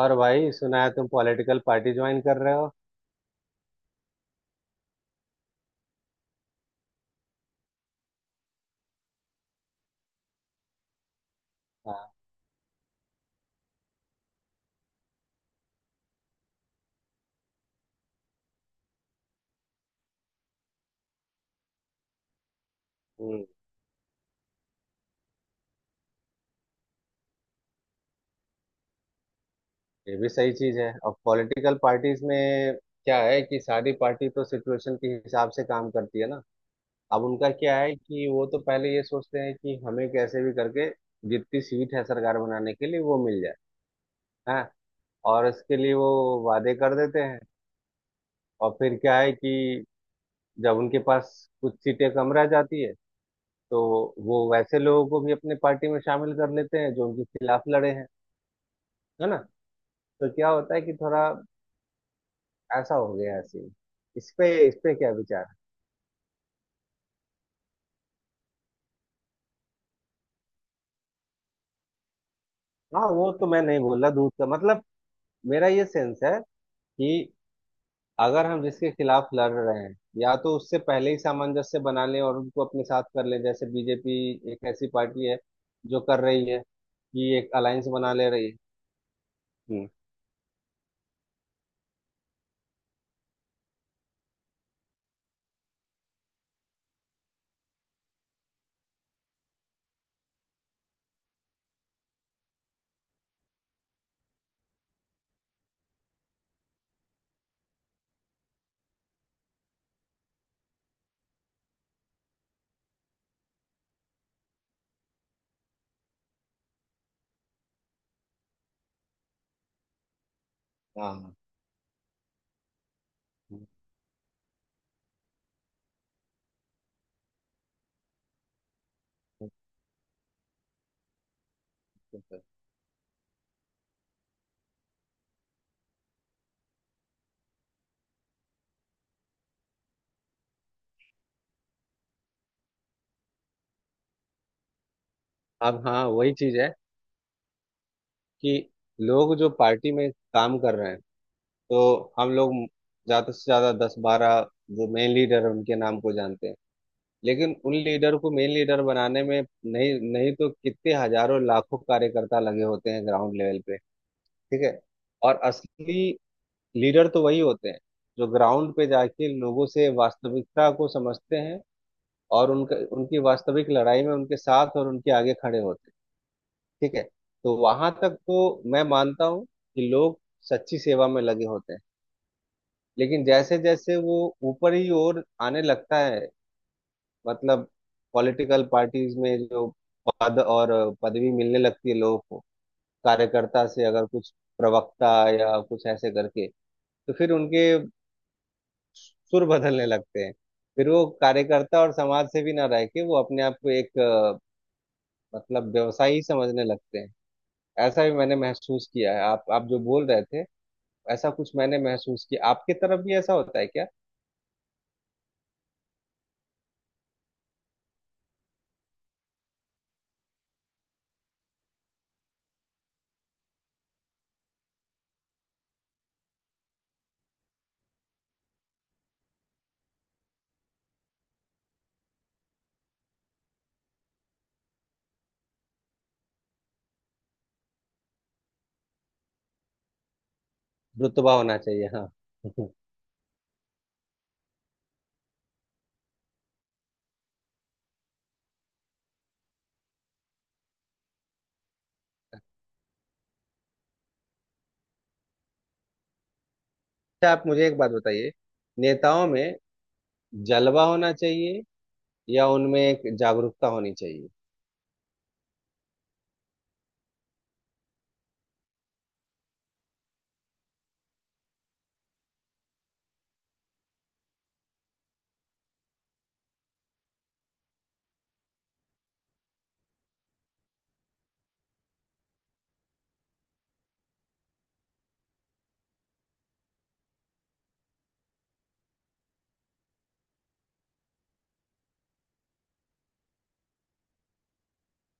और भाई सुना है तुम पॉलिटिकल पार्टी ज्वाइन कर रहे हो? हाँ। हम्म। ये भी सही चीज है और पॉलिटिकल पार्टीज में क्या है कि सारी पार्टी तो सिचुएशन के हिसाब से काम करती है ना। अब उनका क्या है कि वो तो पहले ये सोचते हैं कि हमें कैसे भी करके जितनी सीट है सरकार बनाने के लिए वो मिल जाए। हाँ। और इसके लिए वो वादे कर देते हैं। और फिर क्या है कि जब उनके पास कुछ सीटें कम रह जाती है तो वो वैसे लोगों को भी अपने पार्टी में शामिल कर लेते हैं जो उनके खिलाफ लड़े हैं, है ना। तो क्या होता है कि थोड़ा ऐसा हो गया ऐसे ही। इस पे क्या विचार है? हाँ, वो तो मैं नहीं बोल रहा, दूध का मतलब मेरा ये सेंस है कि अगर हम जिसके खिलाफ लड़ रहे हैं या तो उससे पहले ही सामंजस्य बना लें और उनको अपने साथ कर लें। जैसे बीजेपी एक ऐसी पार्टी है जो कर रही है कि एक अलायंस बना ले रही है। हम्म। हाँ हाँ। हम्म। हम्म। हम्म। अब हाँ वही चीज है कि लोग जो पार्टी में काम कर रहे हैं तो हम लोग ज्यादा से ज्यादा 10-12 जो मेन लीडर है उनके नाम को जानते हैं। लेकिन उन लीडर को मेन लीडर बनाने में नहीं नहीं तो कितने हजारों लाखों कार्यकर्ता लगे होते हैं ग्राउंड लेवल पे। ठीक है। और असली लीडर तो वही होते हैं जो ग्राउंड पे जाके लोगों से वास्तविकता को समझते हैं और उनका, उनकी वास्तविक लड़ाई में उनके साथ और उनके आगे खड़े होते हैं। ठीक है। तो वहां तक तो मैं मानता हूँ कि लोग सच्ची सेवा में लगे होते हैं। लेकिन जैसे जैसे वो ऊपर ही ओर आने लगता है, मतलब पॉलिटिकल पार्टीज में जो पद और पदवी मिलने लगती है लोगों को, कार्यकर्ता से अगर कुछ प्रवक्ता या कुछ ऐसे करके, तो फिर उनके सुर बदलने लगते हैं। फिर वो कार्यकर्ता और समाज से भी ना रह के वो अपने आप को एक मतलब व्यवसायी समझने लगते हैं। ऐसा भी मैंने महसूस किया है। आप जो बोल रहे थे ऐसा कुछ मैंने महसूस किया। आपकी तरफ भी ऐसा होता है क्या? रुतबा होना चाहिए, हाँ। अच्छा आप मुझे एक बात बताइए, नेताओं में जलवा होना चाहिए या उनमें एक जागरूकता होनी चाहिए?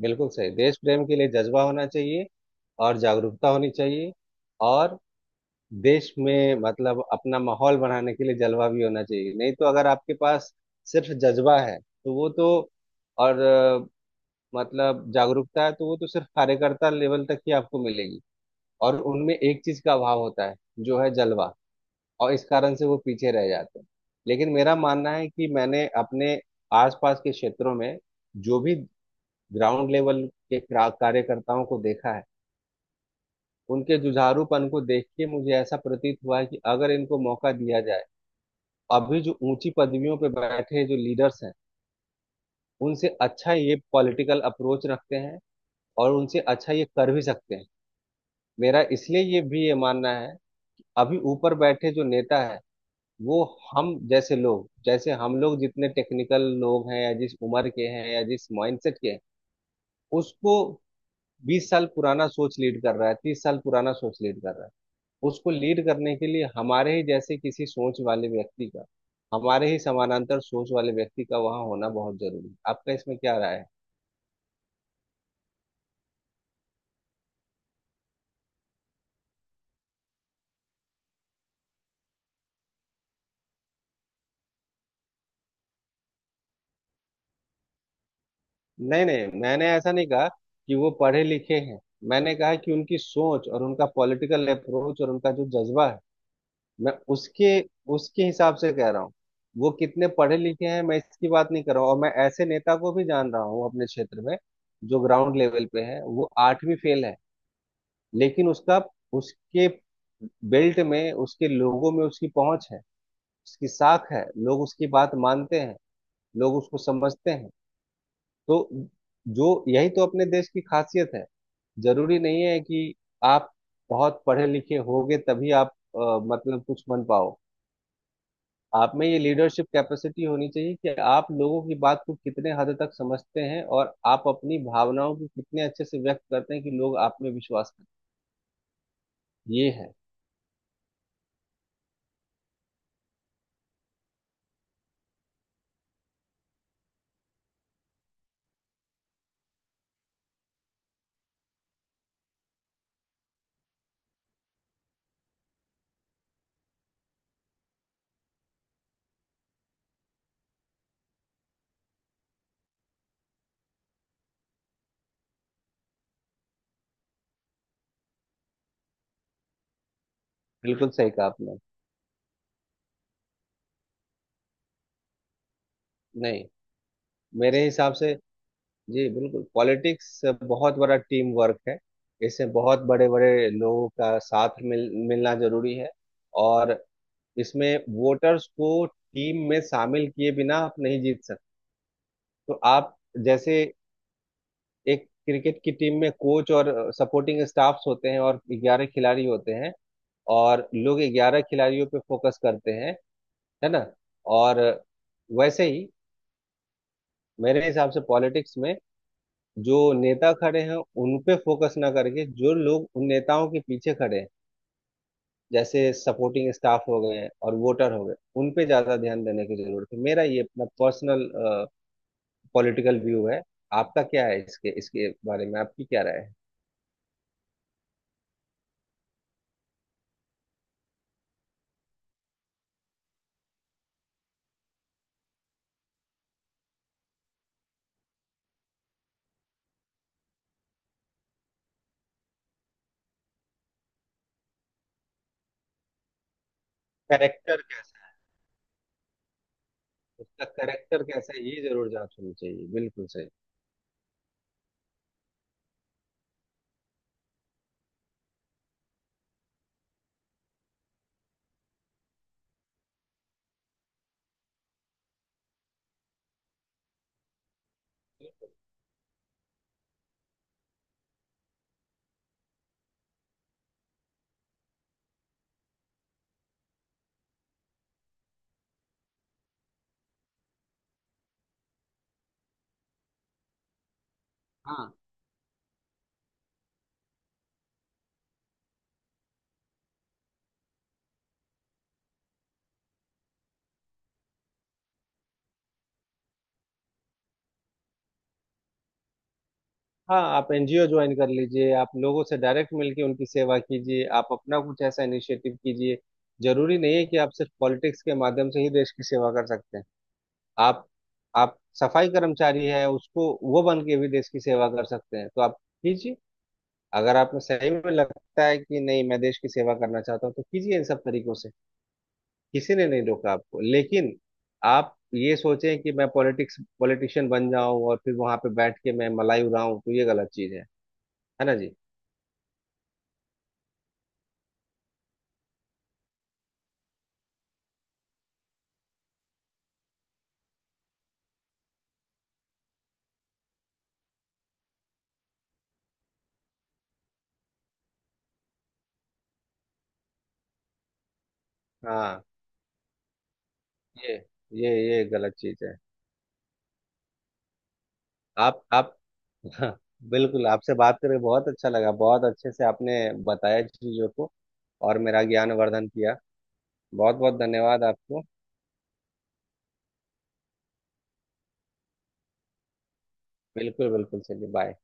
बिल्कुल सही। देश प्रेम के लिए जज्बा होना चाहिए और जागरूकता होनी चाहिए, और देश में मतलब अपना माहौल बनाने के लिए जलवा भी होना चाहिए। नहीं तो अगर आपके पास सिर्फ जज्बा है तो वो तो, और मतलब जागरूकता है तो वो तो सिर्फ कार्यकर्ता लेवल तक ही आपको मिलेगी। और उनमें एक चीज का अभाव होता है जो है जलवा, और इस कारण से वो पीछे रह जाते हैं। लेकिन मेरा मानना है कि मैंने अपने आसपास के क्षेत्रों में जो भी ग्राउंड लेवल के कार्यकर्ताओं को देखा है, उनके जुझारूपन को देख के मुझे ऐसा प्रतीत हुआ है कि अगर इनको मौका दिया जाए, अभी जो ऊंची पदवियों पर बैठे जो लीडर्स हैं उनसे अच्छा ये पॉलिटिकल अप्रोच रखते हैं और उनसे अच्छा ये कर भी सकते हैं। मेरा इसलिए ये भी ये मानना है, अभी ऊपर बैठे जो नेता है वो हम जैसे लोग, जैसे हम लोग जितने टेक्निकल लोग हैं या जिस उम्र के हैं या जिस माइंडसेट के हैं, उसको 20 साल पुराना सोच लीड कर रहा है, 30 साल पुराना सोच लीड कर रहा है। उसको लीड करने के लिए हमारे ही जैसे किसी सोच वाले व्यक्ति का, हमारे ही समानांतर सोच वाले व्यक्ति का वहाँ होना बहुत जरूरी है। आपका इसमें क्या राय है? नहीं नहीं, मैंने ऐसा नहीं कहा कि वो पढ़े लिखे हैं। मैंने कहा कि उनकी सोच और उनका पॉलिटिकल अप्रोच और उनका जो जज्बा है, मैं उसके उसके हिसाब से कह रहा हूँ। वो कितने पढ़े लिखे हैं मैं इसकी बात नहीं कर रहा हूँ। और मैं ऐसे नेता को भी जान रहा हूँ अपने क्षेत्र में जो ग्राउंड लेवल पे है, वो 8वीं फेल है। लेकिन उसका, उसके बेल्ट में, उसके लोगों में उसकी पहुंच है, उसकी साख है, लोग उसकी बात मानते हैं, लोग उसको समझते हैं। तो जो यही तो अपने देश की खासियत है। जरूरी नहीं है कि आप बहुत पढ़े लिखे होगे तभी आप मतलब कुछ बन पाओ। आप में ये लीडरशिप कैपेसिटी होनी चाहिए कि आप लोगों की बात को कितने हद तक समझते हैं और आप अपनी भावनाओं को कितने अच्छे से व्यक्त करते हैं कि लोग आप में विश्वास करें। ये है। बिल्कुल सही कहा आपने। नहीं, मेरे हिसाब से जी, बिल्कुल पॉलिटिक्स बहुत बड़ा टीम वर्क है। इसमें बहुत बड़े बड़े लोगों का साथ मिलना जरूरी है, और इसमें वोटर्स को टीम में शामिल किए बिना आप नहीं जीत सकते। तो आप, जैसे एक क्रिकेट की टीम में कोच और सपोर्टिंग स्टाफ्स होते हैं और 11 खिलाड़ी होते हैं, और लोग 11 खिलाड़ियों पे फोकस करते हैं, है ना। और वैसे ही मेरे हिसाब से पॉलिटिक्स में जो नेता खड़े हैं उन पे फोकस ना करके जो लोग उन नेताओं के पीछे खड़े हैं, जैसे सपोर्टिंग स्टाफ हो गए और वोटर हो गए, उन पे ज्यादा ध्यान देने की जरूरत है। मेरा ये अपना पर्सनल पॉलिटिकल व्यू है। आपका क्या है इसके इसके बारे में? आपकी क्या राय है? करेक्टर। उसका करेक्टर कैसा है ये जरूर जांच होनी चाहिए, बिल्कुल सही। हाँ। हाँ, आप एनजीओ ज्वाइन कर लीजिए, आप लोगों से डायरेक्ट मिलके उनकी सेवा कीजिए, आप अपना कुछ ऐसा इनिशिएटिव कीजिए। जरूरी नहीं है कि आप सिर्फ पॉलिटिक्स के माध्यम से ही देश की सेवा कर सकते हैं। आप आप सफाई कर्मचारी है, उसको वो बन के भी देश की सेवा कर सकते हैं, तो आप कीजिए। अगर आपको सही में लगता है कि नहीं मैं देश की सेवा करना चाहता हूँ तो कीजिए इन सब तरीकों से, किसी ने नहीं रोका आपको। लेकिन आप ये सोचें कि मैं पॉलिटिक्स, पॉलिटिशियन बन जाऊं और फिर वहां पे बैठ के मैं मलाई उड़ाऊं, तो ये गलत चीज है ना जी। हाँ। ये ये गलत चीज है। आप हाँ, बिल्कुल। आपसे बात करके बहुत अच्छा लगा, बहुत अच्छे से आपने बताया चीजों को और मेरा ज्ञान वर्धन किया। बहुत बहुत धन्यवाद आपको। बिल्कुल बिल्कुल, चलिए बाय।